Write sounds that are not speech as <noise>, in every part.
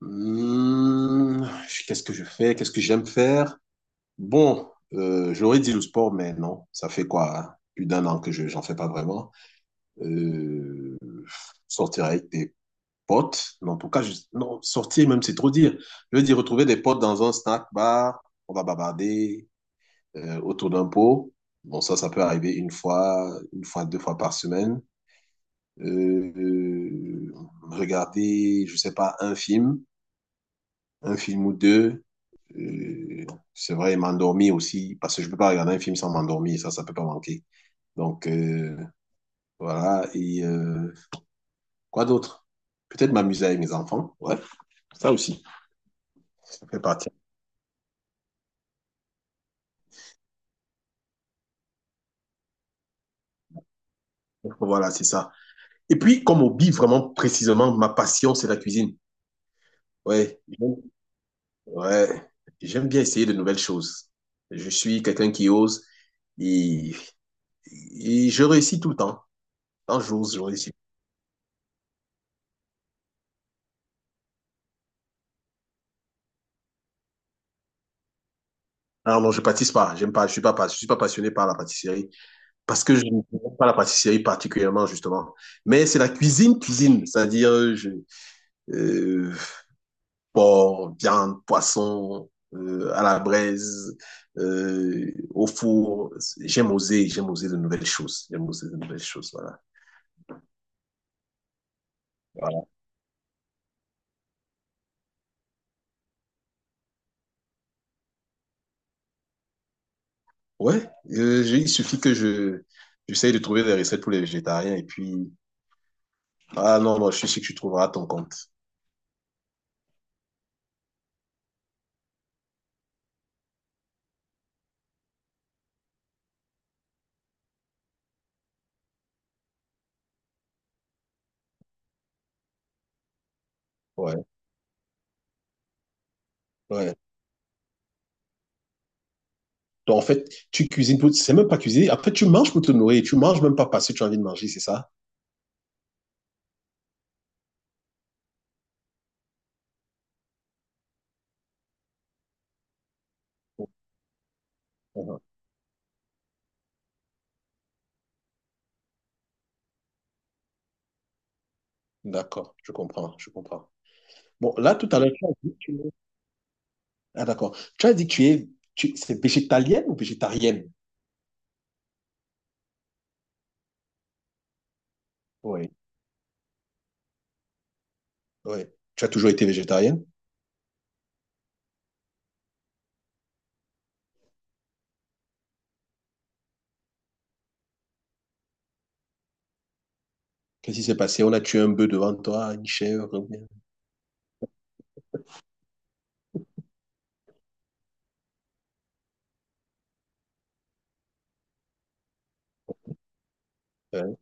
Hmm, qu'est-ce que je fais? Qu'est-ce que j'aime faire? Bon, j'aurais dit le sport, mais non, ça fait quoi? Hein, plus d'un an que j'en fais pas vraiment. Euh, sortir avec des potes. Non, en tout cas, non, sortir même, c'est trop dire. Je veux dire, retrouver des potes dans un snack bar, on va bavarder autour d'un pot. Bon, ça peut arriver une fois, deux fois par semaine. Euh, euh, regarder, je sais pas, un film ou deux. Euh, c'est vrai, m'endormir aussi, parce que je peux pas regarder un film sans m'endormir, ça peut pas manquer. Donc, voilà. Et quoi d'autre? Peut-être m'amuser avec mes enfants, ouais, ça aussi, ça fait partie. Donc, voilà, c'est ça. Et puis, comme hobby, vraiment précisément, ma passion, c'est la cuisine. Ouais, ouais, j'aime bien essayer de nouvelles choses. Je suis quelqu'un qui ose et, et je réussis tout le temps. Quand j'ose, je réussis. Alors non, je pâtisse pas, j'aime pas, je suis je suis pas passionné par la pâtisserie. Parce que je ne connais pas la pâtisserie particulièrement, justement. Mais c'est la cuisine, cuisine. C'est-à-dire, euh, porc, viande, poisson, à la braise, au four. J'aime oser de nouvelles choses. J'aime oser de nouvelles choses, voilà. Voilà. Ouais, il suffit que j'essaye de trouver des recettes pour les végétariens et puis, ah non, non, je suis sûr que tu trouveras ton compte. Ouais, ouais. Donc, en fait, tu cuisines pour, c'est même pas cuisiner. Après, tu manges pour te nourrir. Tu manges même pas parce que tu as envie de manger, c'est ça? Mhm. D'accord, je comprends, je comprends. Bon, là, tout à l'heure, tu as dit que tu es… Ah, d'accord. Tu as dit que tu es… C'est végétalienne ou végétarienne? Oui. Oui. Tu as toujours été végétarienne? Qu'est-ce qui s'est passé? On a tué un bœuf devant toi, une chèvre, ou bien- Hein?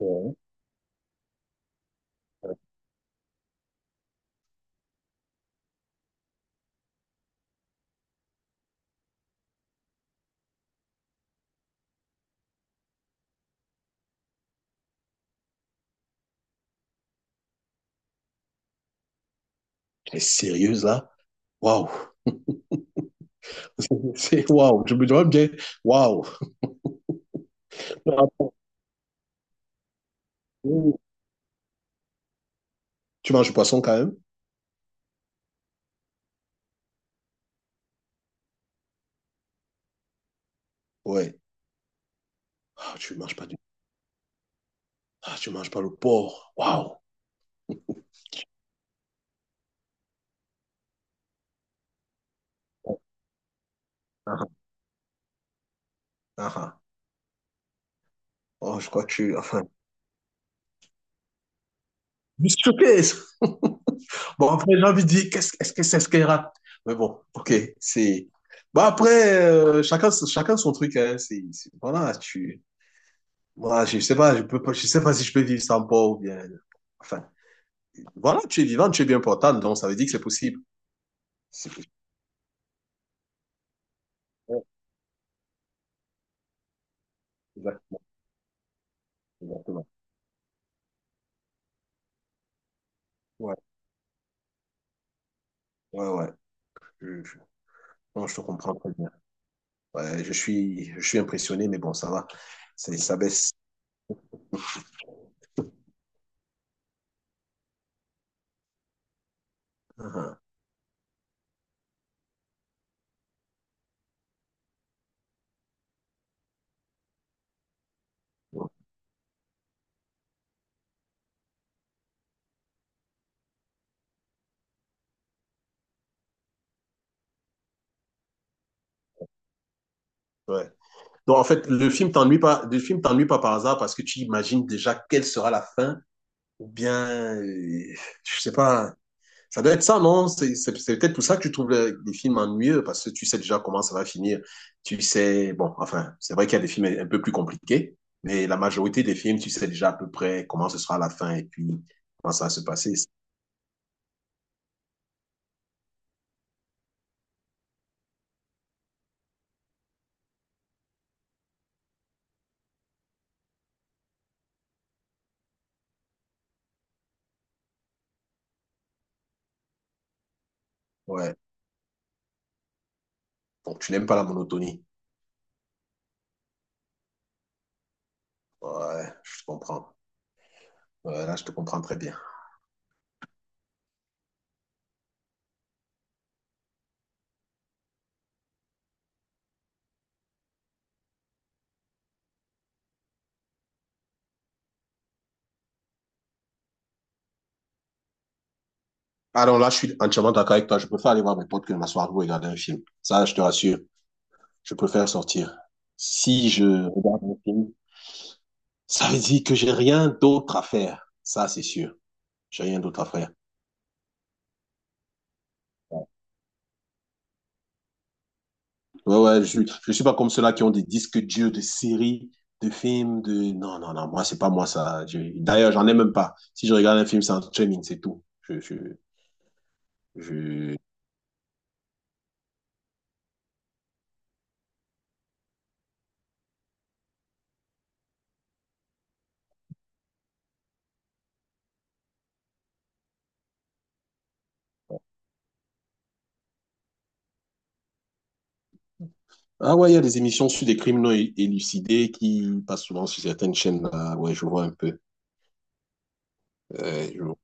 Ouais. Tu es sérieuse là? Waouh! <laughs> C'est waouh! Je me dois me dire, waouh! Tu manges du poisson quand même? Ouais. Ah, tu manges pas du… Ah, tu manges pas le porc. Waouh! Ah, ah, ah. Oh, je crois que tu… Enfin, je suis choqué. <laughs> Bon, après, j'ai envie de dire, qu'est-ce que c'est ce qu'elle rate? Mais bon, ok, c'est. Bon, après, chacun son truc, hein. Voilà, tu. Moi, je sais pas, je peux pas, je sais pas si je peux vivre sans Paul ou bien. Enfin, voilà, tu es vivant, tu es bien portant, donc ça veut dire que c'est possible. C'est possible. Ouais, exactement, exactement. Ouais, ouais, ouais. Je, je- non, je te comprends très bien. Ouais, je suis impressionné, mais bon, ça va. C'est, ça baisse. Uh-huh. Ouais. Donc, en fait, le film t'ennuie pas, le film t'ennuie pas par hasard parce que tu imagines déjà quelle sera la fin, ou bien, euh, je sais pas, ça doit être ça, non? C'est peut-être pour ça que tu trouves les films ennuyeux parce que tu sais déjà comment ça va finir. Tu sais, bon, enfin, c'est vrai qu'il y a des films un peu plus compliqués, mais la majorité des films, tu sais déjà à peu près comment ce sera la fin et puis comment ça va se passer. Ouais. Donc, tu n'aimes pas la monotonie. Ouais, je comprends. Ouais, là, je te comprends très bien. Alors là, je suis entièrement d'accord avec toi. Je préfère aller voir mes potes que de m'asseoir pour regarder un film. Ça, je te rassure. Je préfère sortir. Si je regarde un film, ça veut dire que j'ai rien d'autre à faire. Ça, c'est sûr. J'ai rien d'autre à faire. Ouais, ouais, je ne suis pas comme ceux-là qui ont des disques durs de séries, de films, de… Non, non, non, moi, c'est pas moi ça. D'ailleurs, j'en ai même pas. Si je regarde un film, c'est un streaming, c'est tout. Je… Ah ouais, il y a des émissions sur des criminels élucidés qui passent souvent sur certaines chaînes. Là. Ouais, je vois un peu. Euh, je-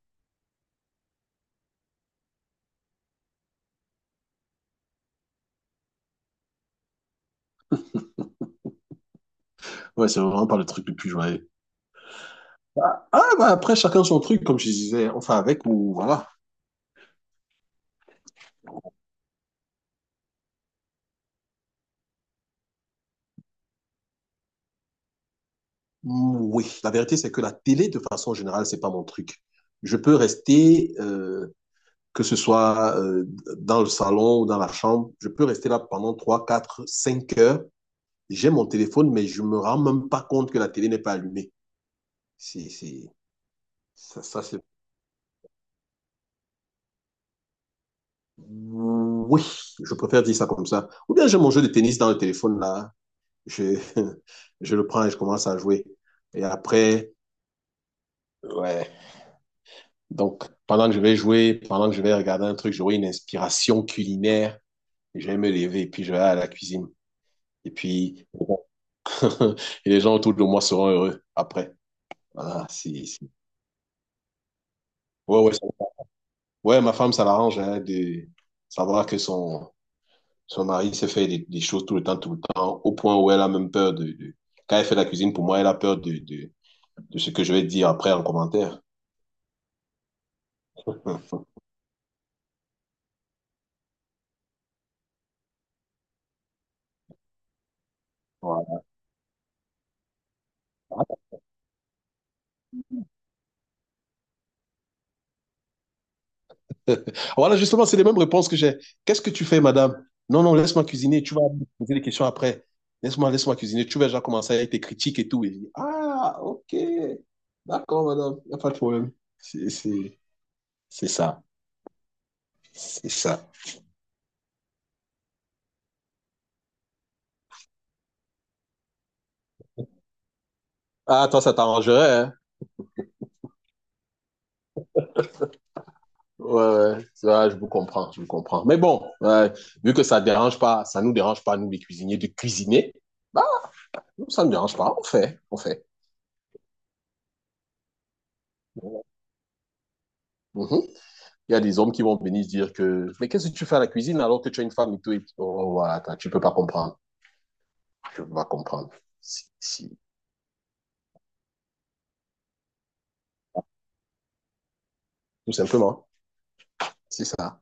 Ouais, c'est vraiment pas le truc le plus joyeux. Ah, ah, bah après, chacun son truc, comme je disais. Enfin, avec ou… voilà. Mm, oui, la vérité, c'est que la télé, de façon générale, c'est pas mon truc. Je peux rester… que ce soit dans le salon ou dans la chambre, je peux rester là pendant 3, 4, 5 heures. J'ai mon téléphone, mais je ne me rends même pas compte que la télé n'est pas allumée. C'est, c'est, ça c'est… oui, je préfère dire ça comme ça. Ou bien j'ai mon jeu de tennis dans le téléphone, là. Je, <laughs> je le prends et je commence à jouer. Et après, ouais. Donc, pendant que je vais jouer, pendant que je vais regarder un truc, j'aurai une inspiration culinaire. Je vais me lever et puis je vais à la cuisine. Et puis, <laughs> et les gens autour de moi seront heureux après. Voilà, si, si. Ouais, ouais, ouais, ma femme, ça l'arrange hein, de savoir que son mari se fait des choses tout le temps, au point où elle a même peur quand elle fait la cuisine, pour moi, elle a peur de ce que je vais dire après en commentaire. Voilà, <laughs> voilà, justement, c'est les mêmes réponses que j'ai. Qu'est-ce que tu fais, madame? Non, non, laisse-moi cuisiner. Tu vas me poser des questions après. Laisse-moi cuisiner. Tu vas déjà commencer à être tes critiques et tout. Et je dis, ah, ok. D'accord, madame. Il n'y a pas de problème. C'est, c'est... C'est ça. C'est ça. Ah, toi, ça t'arrangerait, hein? Ouais, ouais, ouais, je vous comprends. Mais bon, ouais, vu que ça dérange pas, ça nous dérange pas, nous, les cuisiniers, de cuisiner, bah, nous, ça ne dérange pas, on fait, on fait. Mhm. Il y a des hommes qui vont venir se dire que, mais qu'est-ce que tu fais à la cuisine alors que tu as une femme et tout, et puis, oh, oh, voilà, attends, tu peux pas comprendre, tu peux pas comprendre. Si, si. Tout simplement, c'est ça,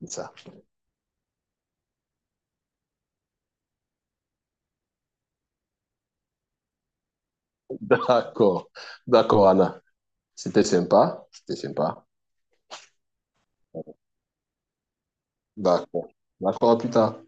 c'est ça. <laughs> D'accord, d'accord, Anna. C'était sympa, c'était sympa. D'accord, d'accord, à plus tard.